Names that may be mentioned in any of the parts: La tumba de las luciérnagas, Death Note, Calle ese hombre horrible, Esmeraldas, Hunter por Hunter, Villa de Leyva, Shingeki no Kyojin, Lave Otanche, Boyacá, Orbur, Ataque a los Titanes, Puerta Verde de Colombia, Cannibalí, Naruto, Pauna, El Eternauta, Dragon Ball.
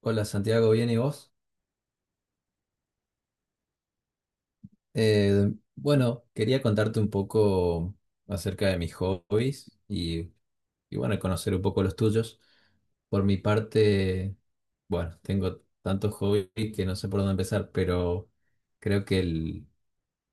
Hola Santiago, ¿bien y vos? Bueno, quería contarte un poco acerca de mis hobbies y bueno, conocer un poco los tuyos. Por mi parte, bueno, tengo tantos hobbies que no sé por dónde empezar, pero creo que el,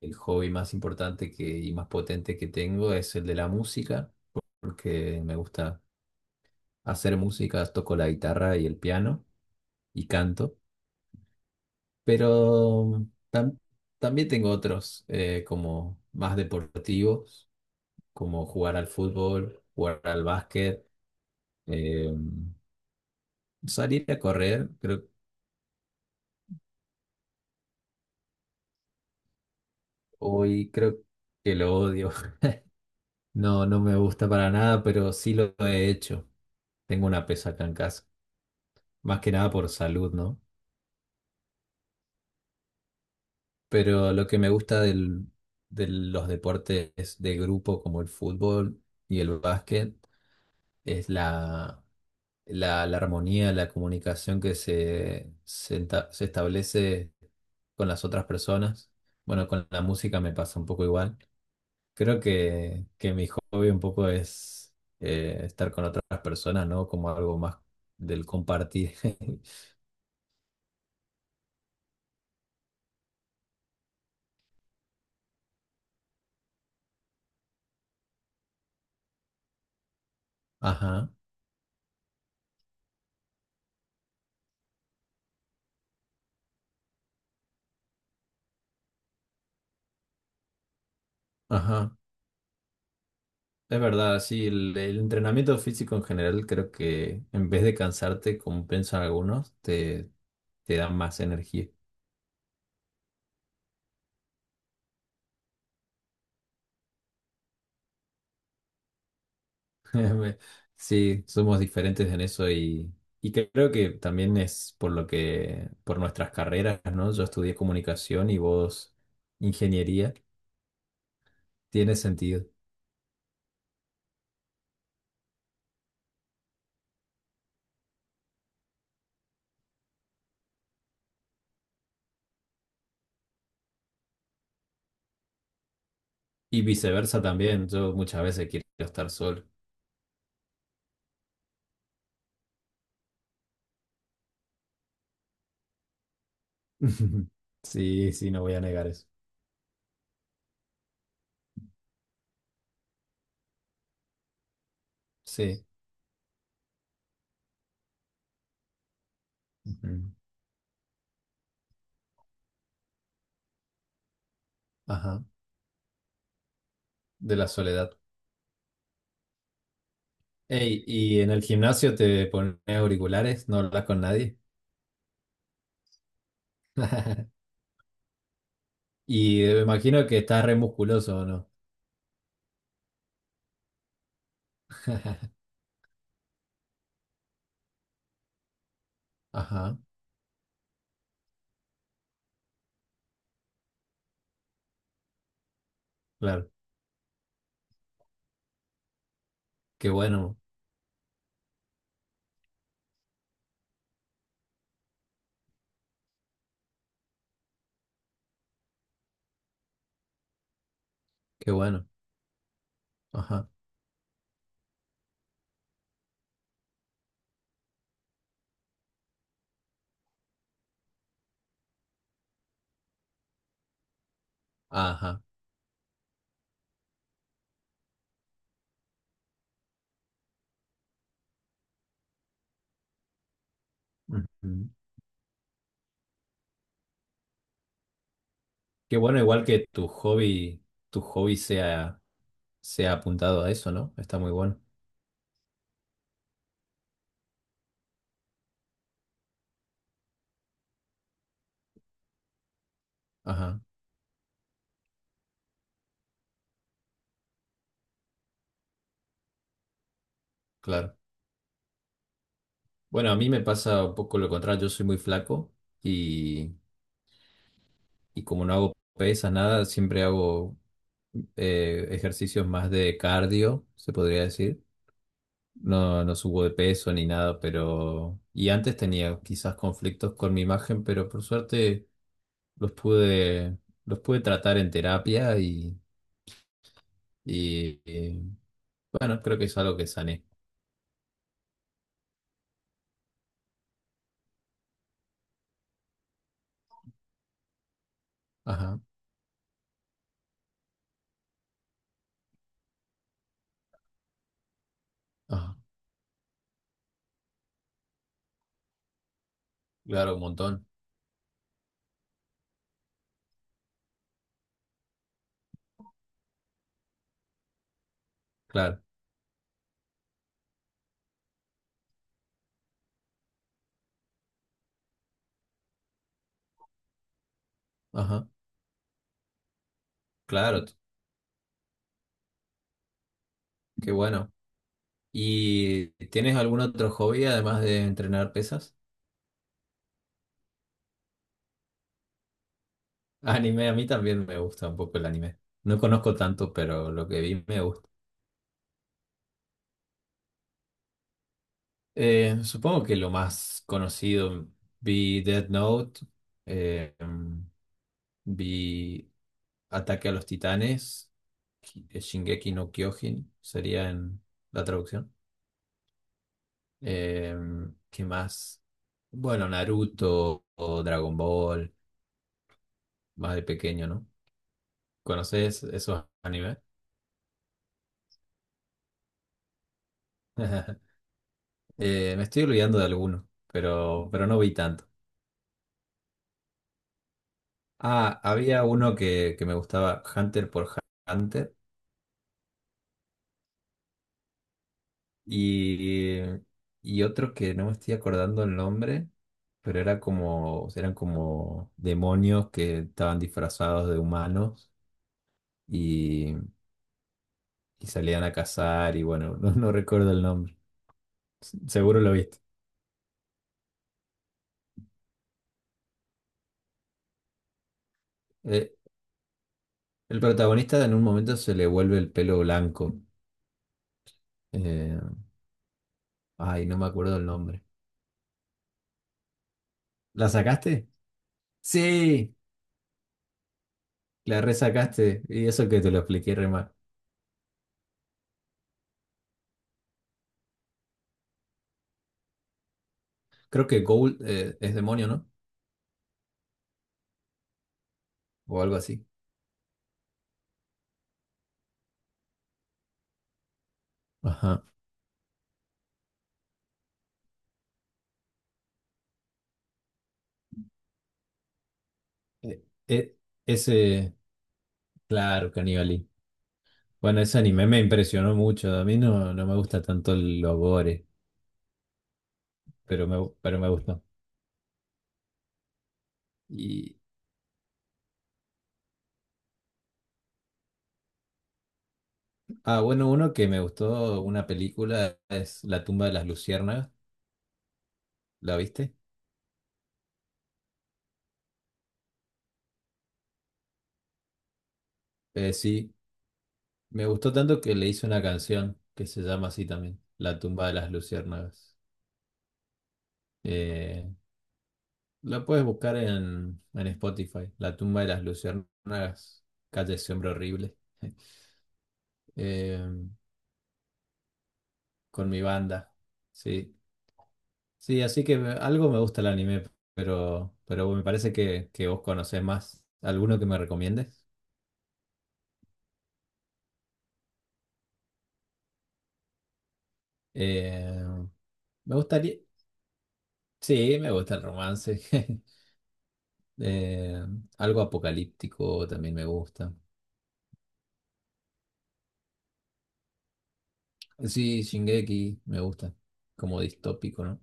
el hobby más importante y más potente que tengo es el de la música, porque me gusta hacer música, toco la guitarra y el piano y canto. Pero tam- También tengo otros como más deportivos, como jugar al fútbol, jugar al básquet, eh, salir a correr. Hoy creo que lo odio. No, no me gusta para nada, pero sí lo he hecho. Tengo una pesa acá en casa, más que nada por salud, ¿no? Pero lo que me gusta de los deportes de grupo como el fútbol y el básquet es la armonía, la comunicación que se establece con las otras personas. Bueno, con la música me pasa un poco igual. Creo que mi hobby un poco es estar con otras personas, ¿no? Como algo más del compartir. Ajá, ajá. Es verdad, sí, el entrenamiento físico en general creo que en vez de cansarte, como piensan algunos, te da más energía. Sí, somos diferentes en eso y creo que también es por lo que, por nuestras carreras, ¿no? Yo estudié comunicación y vos ingeniería, tiene sentido. Y viceversa también, yo muchas veces quiero estar solo. Sí, sí, no voy a negar eso. Sí. Ujú. Ajá, de la soledad. Ey, ¿y en el gimnasio te pones auriculares? ¿No hablas con nadie? Y me imagino que estás re musculoso, ¿o no? Ajá, claro. Qué bueno. Qué bueno. Ajá. Ajá. Ujú. Qué bueno, igual que tu hobby sea apuntado a eso, ¿no? Está muy bueno. Ajá, claro. Bueno, a mí me pasa un poco lo contrario, yo soy muy flaco y, y como no hago pesas, nada, siempre hago ejercicios más de cardio, se podría decir. No, no subo de peso ni nada, pero... Y antes tenía quizás conflictos con mi imagen, pero por suerte los pude, los pude tratar en terapia y Y eh, bueno, creo que es algo que sané. Ajá, ajá, claro, un montón. Claro, ajá, claro, qué bueno. ¿Y tienes algún otro hobby además de entrenar pesas? Anime, a mí también me gusta un poco el anime. No conozco tanto, pero lo que vi me gusta. Supongo que lo más conocido vi Death Note, eh, mm, vi Ataque a los Titanes, Shingeki no Kyojin, sería en la traducción. Eh, ¿Qué más? Bueno, Naruto o Dragon Ball, más de pequeño, ¿no? ¿Conoces esos animes? Me estoy olvidando de alguno, pero no vi tanto. Ah, había uno que me gustaba, Hunter por Hunter, y, y otro que no me estoy acordando el nombre, pero era como, eran como demonios que estaban disfrazados de humanos y, y salían a cazar, y bueno, no recuerdo el nombre. Seguro lo viste. Eh, el protagonista en un momento se le vuelve el pelo blanco. Eh, ay, no me acuerdo el nombre. ¿La sacaste? Sí, la resacaste. Y eso que te lo expliqué re mal. Creo que Gold es demonio, ¿no? O algo así. Ajá. Eh, eh, ese, claro, Cannibalí. Bueno, ese anime me impresionó mucho. A mí no, no me gusta tanto el gore, pero me gustó. Y, ah, bueno, uno que me gustó, una película, es La tumba de las luciérnagas. ¿La viste? Sí, me gustó tanto que le hice una canción que se llama así también, La tumba de las luciérnagas. Eh, la puedes buscar en Spotify, La tumba de las luciérnagas, Calle ese hombre horrible, eh, con mi banda. Sí, sí, así que algo me gusta el anime, pero me parece que vos conocés más. ¿Alguno que me recomiendes? Eh, me gustaría, sí, me gusta el romance. Eh, algo apocalíptico también me gusta. Sí, Shingeki me gusta. Como distópico, ¿no?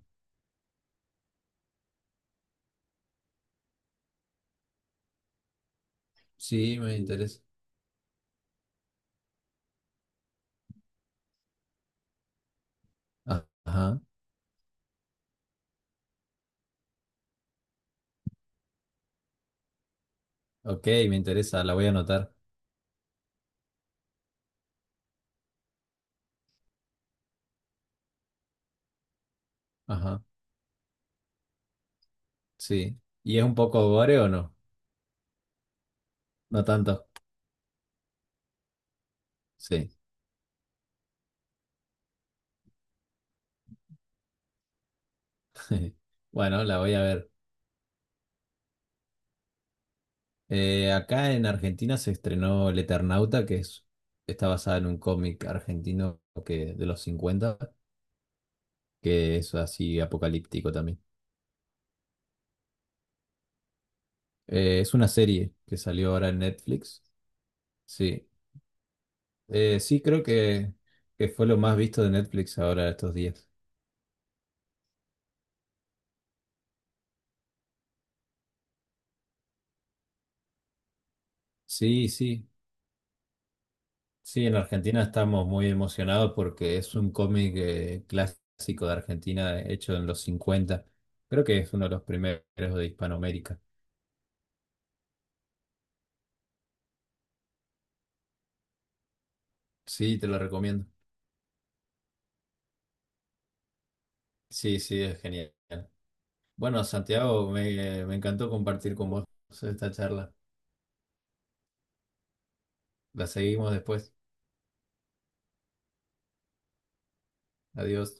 Sí, me interesa. Ah, ajá. Ok, me interesa, la voy a anotar. Ajá, sí. ¿Y es un poco gore o no? No tanto. Sí. Bueno, la voy a ver. Acá en Argentina se estrenó El Eternauta, está basada en un cómic argentino que, de los cincuenta, que es así apocalíptico también. Es una serie que salió ahora en Netflix. Sí, eh, sí, creo que fue lo más visto de Netflix ahora estos días. Sí, sí, sí, en Argentina estamos muy emocionados porque es un cómic clásico de Argentina hecho en los 50. Creo que es uno de los primeros de Hispanoamérica. Sí, te lo recomiendo. Sí, sí, es genial. Bueno, Santiago, me encantó compartir con vos esta charla. La seguimos después. Adiós.